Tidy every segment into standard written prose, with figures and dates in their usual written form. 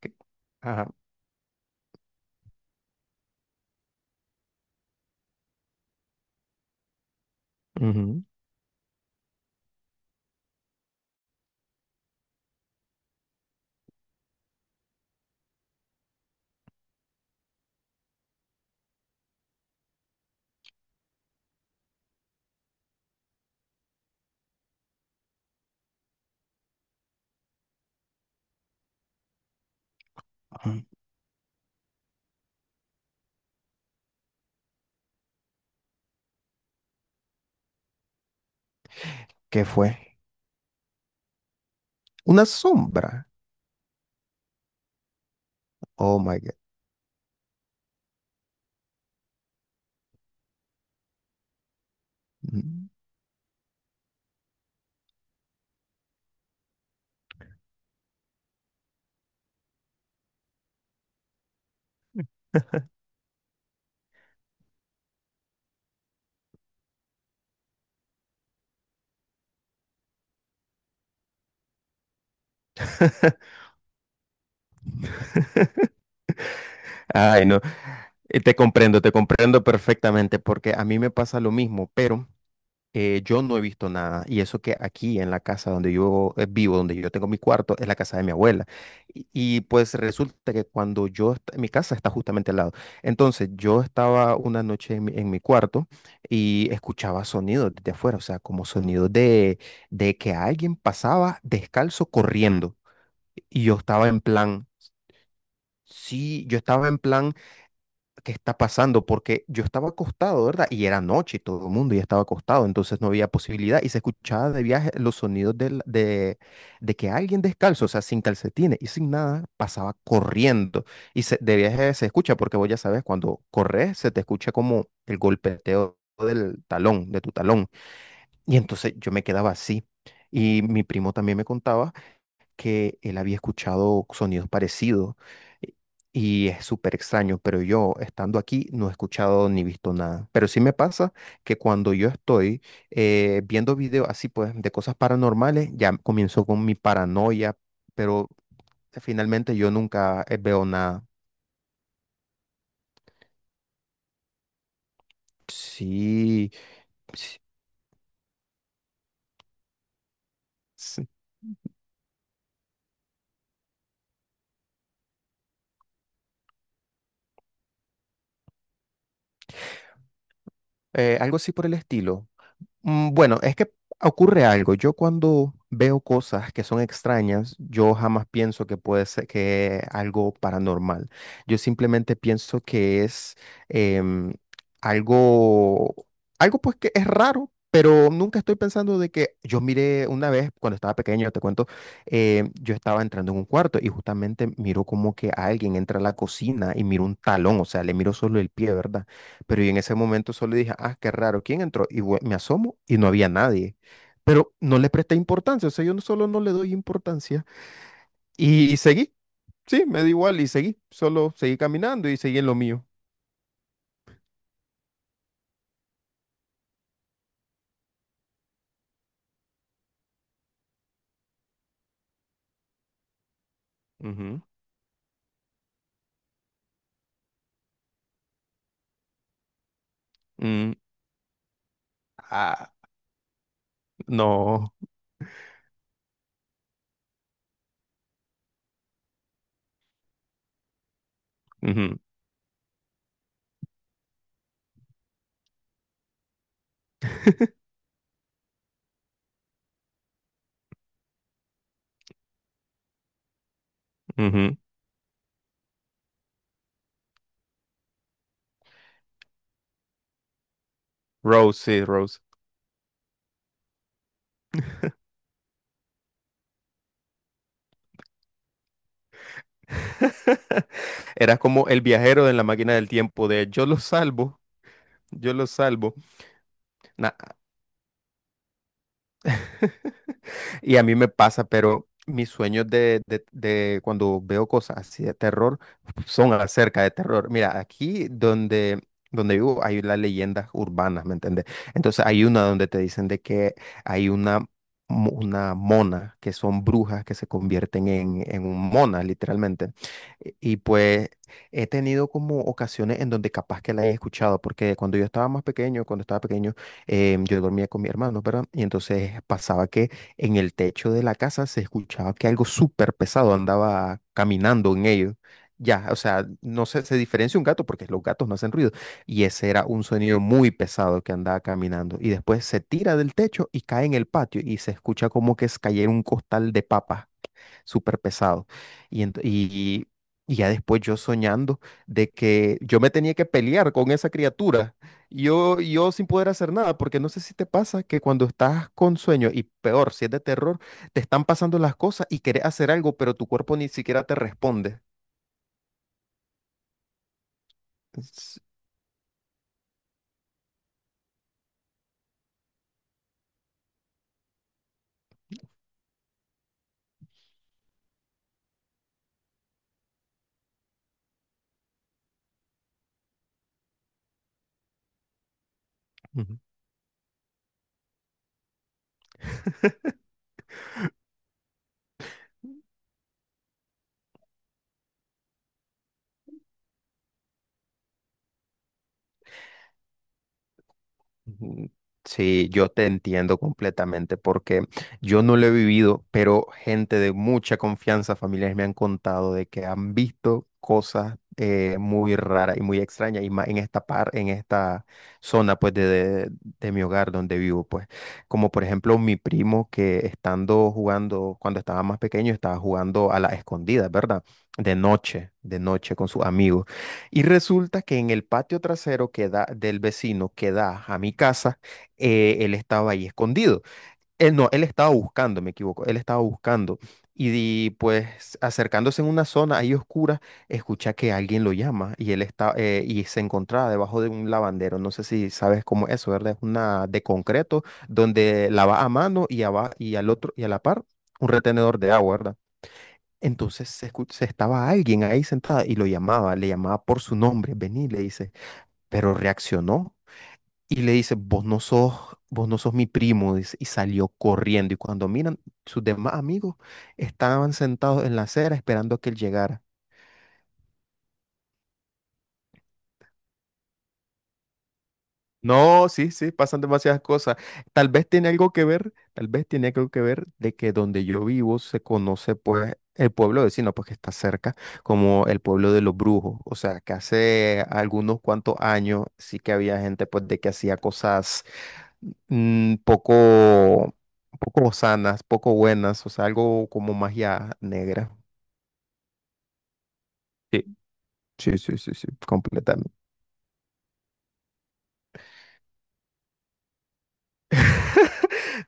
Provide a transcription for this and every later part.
¿Qué? Ajá. Ujú. Ajá. ¿Qué fue? Una sombra. Oh my God. Ujú. Ay, no, te comprendo perfectamente porque a mí me pasa lo mismo, pero Yo no he visto nada, y eso que aquí en la casa donde yo vivo, donde yo tengo mi cuarto, es la casa de mi abuela. Y pues resulta que cuando mi casa está justamente al lado. Entonces yo estaba una noche en mi cuarto y escuchaba sonidos desde afuera, o sea, como sonidos de que alguien pasaba descalzo corriendo. Y yo estaba en plan, sí, yo estaba en plan, ¿qué está pasando? Porque yo estaba acostado, ¿verdad? Y era noche y todo el mundo ya estaba acostado, entonces no había posibilidad y se escuchaba de viaje los sonidos de que alguien descalzo, o sea, sin calcetines y sin nada, pasaba corriendo. Y de viaje se escucha porque vos ya sabes, cuando corres se te escucha como el golpeteo del talón, de tu talón. Y entonces yo me quedaba así. Y mi primo también me contaba que él había escuchado sonidos parecidos eh, y es súper extraño, pero yo estando aquí no he escuchado ni visto nada. Pero sí me pasa que cuando yo estoy viendo videos así pues de cosas paranormales, ya comienzo con mi paranoia, pero finalmente yo nunca veo nada. Sí, sí, sí. Algo así por el estilo. Bueno, es que ocurre algo. Yo cuando veo cosas que son extrañas, yo jamás pienso que puede ser que algo paranormal. Yo simplemente pienso que es em, algo, algo pues que es raro, pero nunca estoy pensando de que yo miré una vez cuando estaba pequeño, te cuento, yo estaba entrando en un cuarto y justamente miro como que alguien entra a la cocina y miro un talón, o sea, le miro solo el pie, ¿verdad? Pero y en ese momento solo dije, ah, qué raro, ¿quién entró? Y me asomo y no había nadie. Pero no le presté importancia, o sea, yo no- solo no le doy importancia. Y, seguí, sí, me da igual y seguí, solo seguí caminando y seguí en lo mío. Ujú, mm, ah, no. ujú, ujú. Rose, sí, Rose. Era como el viajero de la máquina del tiempo de yo lo salvo, yo lo salvo. Nah. Y a mí me pasa, pero mis sueños de cuando veo cosas así de terror son acerca de terror. Mira, donde vivo hay las leyendas urbanas, ¿me entiendes? Entonces hay una donde te dicen de que hay una, una mona, que son brujas que se convierten en un mona, literalmente. Y pues he tenido como ocasiones en donde capaz que la he escuchado, porque cuando yo estaba más pequeño, cuando estaba pequeño, yo dormía con mi hermano, ¿verdad? Y entonces pasaba que en el techo de la casa se escuchaba que algo súper pesado andaba caminando en ellos. Ya, o sea, no sé, se diferencia un gato porque los gatos no hacen ruido. Y ese era un sonido muy pesado que andaba caminando. Y después se tira del techo y cae en el patio y se escucha como que es cayera un costal de papas súper pesado. Y, ent- y, y ya después yo soñando de que yo me tenía que pelear con esa criatura, yo sin poder hacer nada, porque no sé si te pasa que cuando estás con sueño, y peor, si es de terror, te están pasando las cosas y querés hacer algo, pero tu cuerpo ni siquiera te responde. Es- Ujú. Sí, yo te entiendo completamente porque yo no lo he vivido, pero gente de mucha confianza, familiares me han contado de que han visto cosas muy raras y muy extrañas y más en esta zona pues de mi hogar donde vivo pues, como por ejemplo mi primo que estando jugando cuando estaba más pequeño estaba jugando a la escondida, ¿verdad? De noche con sus amigos y resulta que en el patio trasero del vecino que da a mi casa, él estaba ahí escondido. Él no, él estaba buscando, me equivoco, él estaba buscando. Pues acercándose en una zona ahí oscura, escucha que alguien lo llama y él está y se encontraba debajo de un lavandero. No sé si sabes cómo es eso, ¿verdad? Es una de concreto donde lava a mano y al otro y a la par un retenedor de agua, ¿verdad? Entonces se estaba alguien ahí sentada y lo llamaba, le llamaba por su nombre, vení, le dice, pero reaccionó y le dice, vos no sos mi primo, dice, y salió corriendo. Y cuando miran, sus demás amigos estaban sentados en la acera esperando a que él llegara. No, sí, sí, pasan demasiadas cosas. Tal vez tiene algo que ver, tal vez tiene algo que ver de que donde yo vivo se conoce pues el pueblo vecino, pues que está cerca, como el pueblo de los brujos. O sea, que hace algunos cuantos años sí que había gente pues de que hacía cosas poco, poco sanas, poco buenas, o sea, algo como magia negra. Sí, sí, sí, sí, sí, completamente.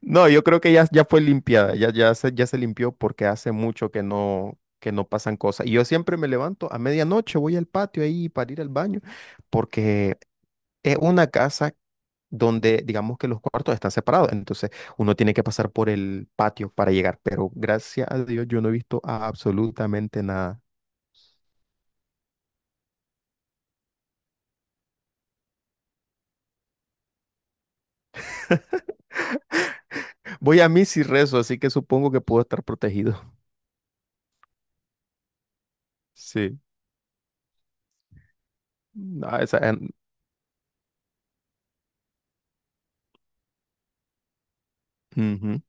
No, yo creo que ya, ya fue limpiada, ya se limpió porque hace mucho que que no pasan cosas. Y yo siempre me levanto a medianoche, voy al patio ahí para ir al baño, porque es una casa donde digamos que los cuartos están separados, entonces uno tiene que pasar por el patio para llegar, pero gracias a Dios yo no he visto absolutamente nada. Voy a misa y rezo, así que supongo que puedo estar protegido. Sí. Ah, esa, en- ujú.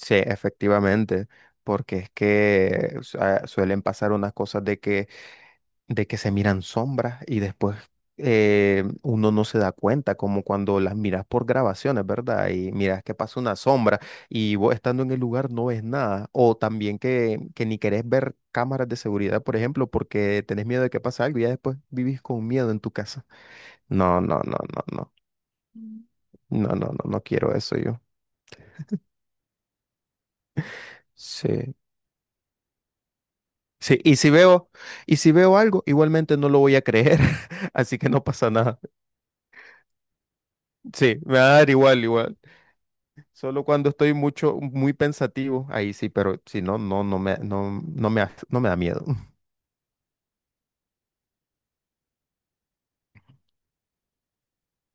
Sí, efectivamente, porque es que suelen pasar unas cosas de que se miran sombras y después uno no se da cuenta, como cuando las miras por grabaciones, ¿verdad? Y miras que pasa una sombra y vos estando en el lugar no ves nada, o también que ni querés ver cámaras de seguridad, por ejemplo, porque tenés miedo de que pase algo y ya después vivís con miedo en tu casa. No, no, no, no, no, no, no, no, no quiero eso yo. Sí. Sí, y si veo, y si veo algo, igualmente no lo voy a creer, así que no pasa nada. Sí, me va a dar igual, igual. Solo cuando estoy mucho, muy pensativo, ahí sí, pero si no, no me da miedo.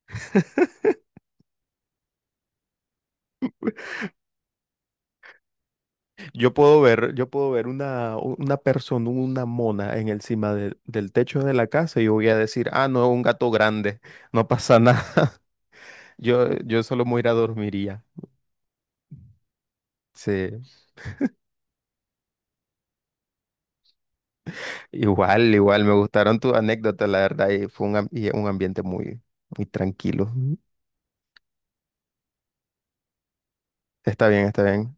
Yo puedo ver una persona, una mona en encima del techo de la casa y yo voy a decir, ah, no, un gato grande, no pasa nada. Yo solo me voy a ir a dormir y ya. Sí. Igual, igual, me gustaron tus anécdotas, la verdad, y fue y un ambiente muy, muy tranquilo. Está bien, está bien.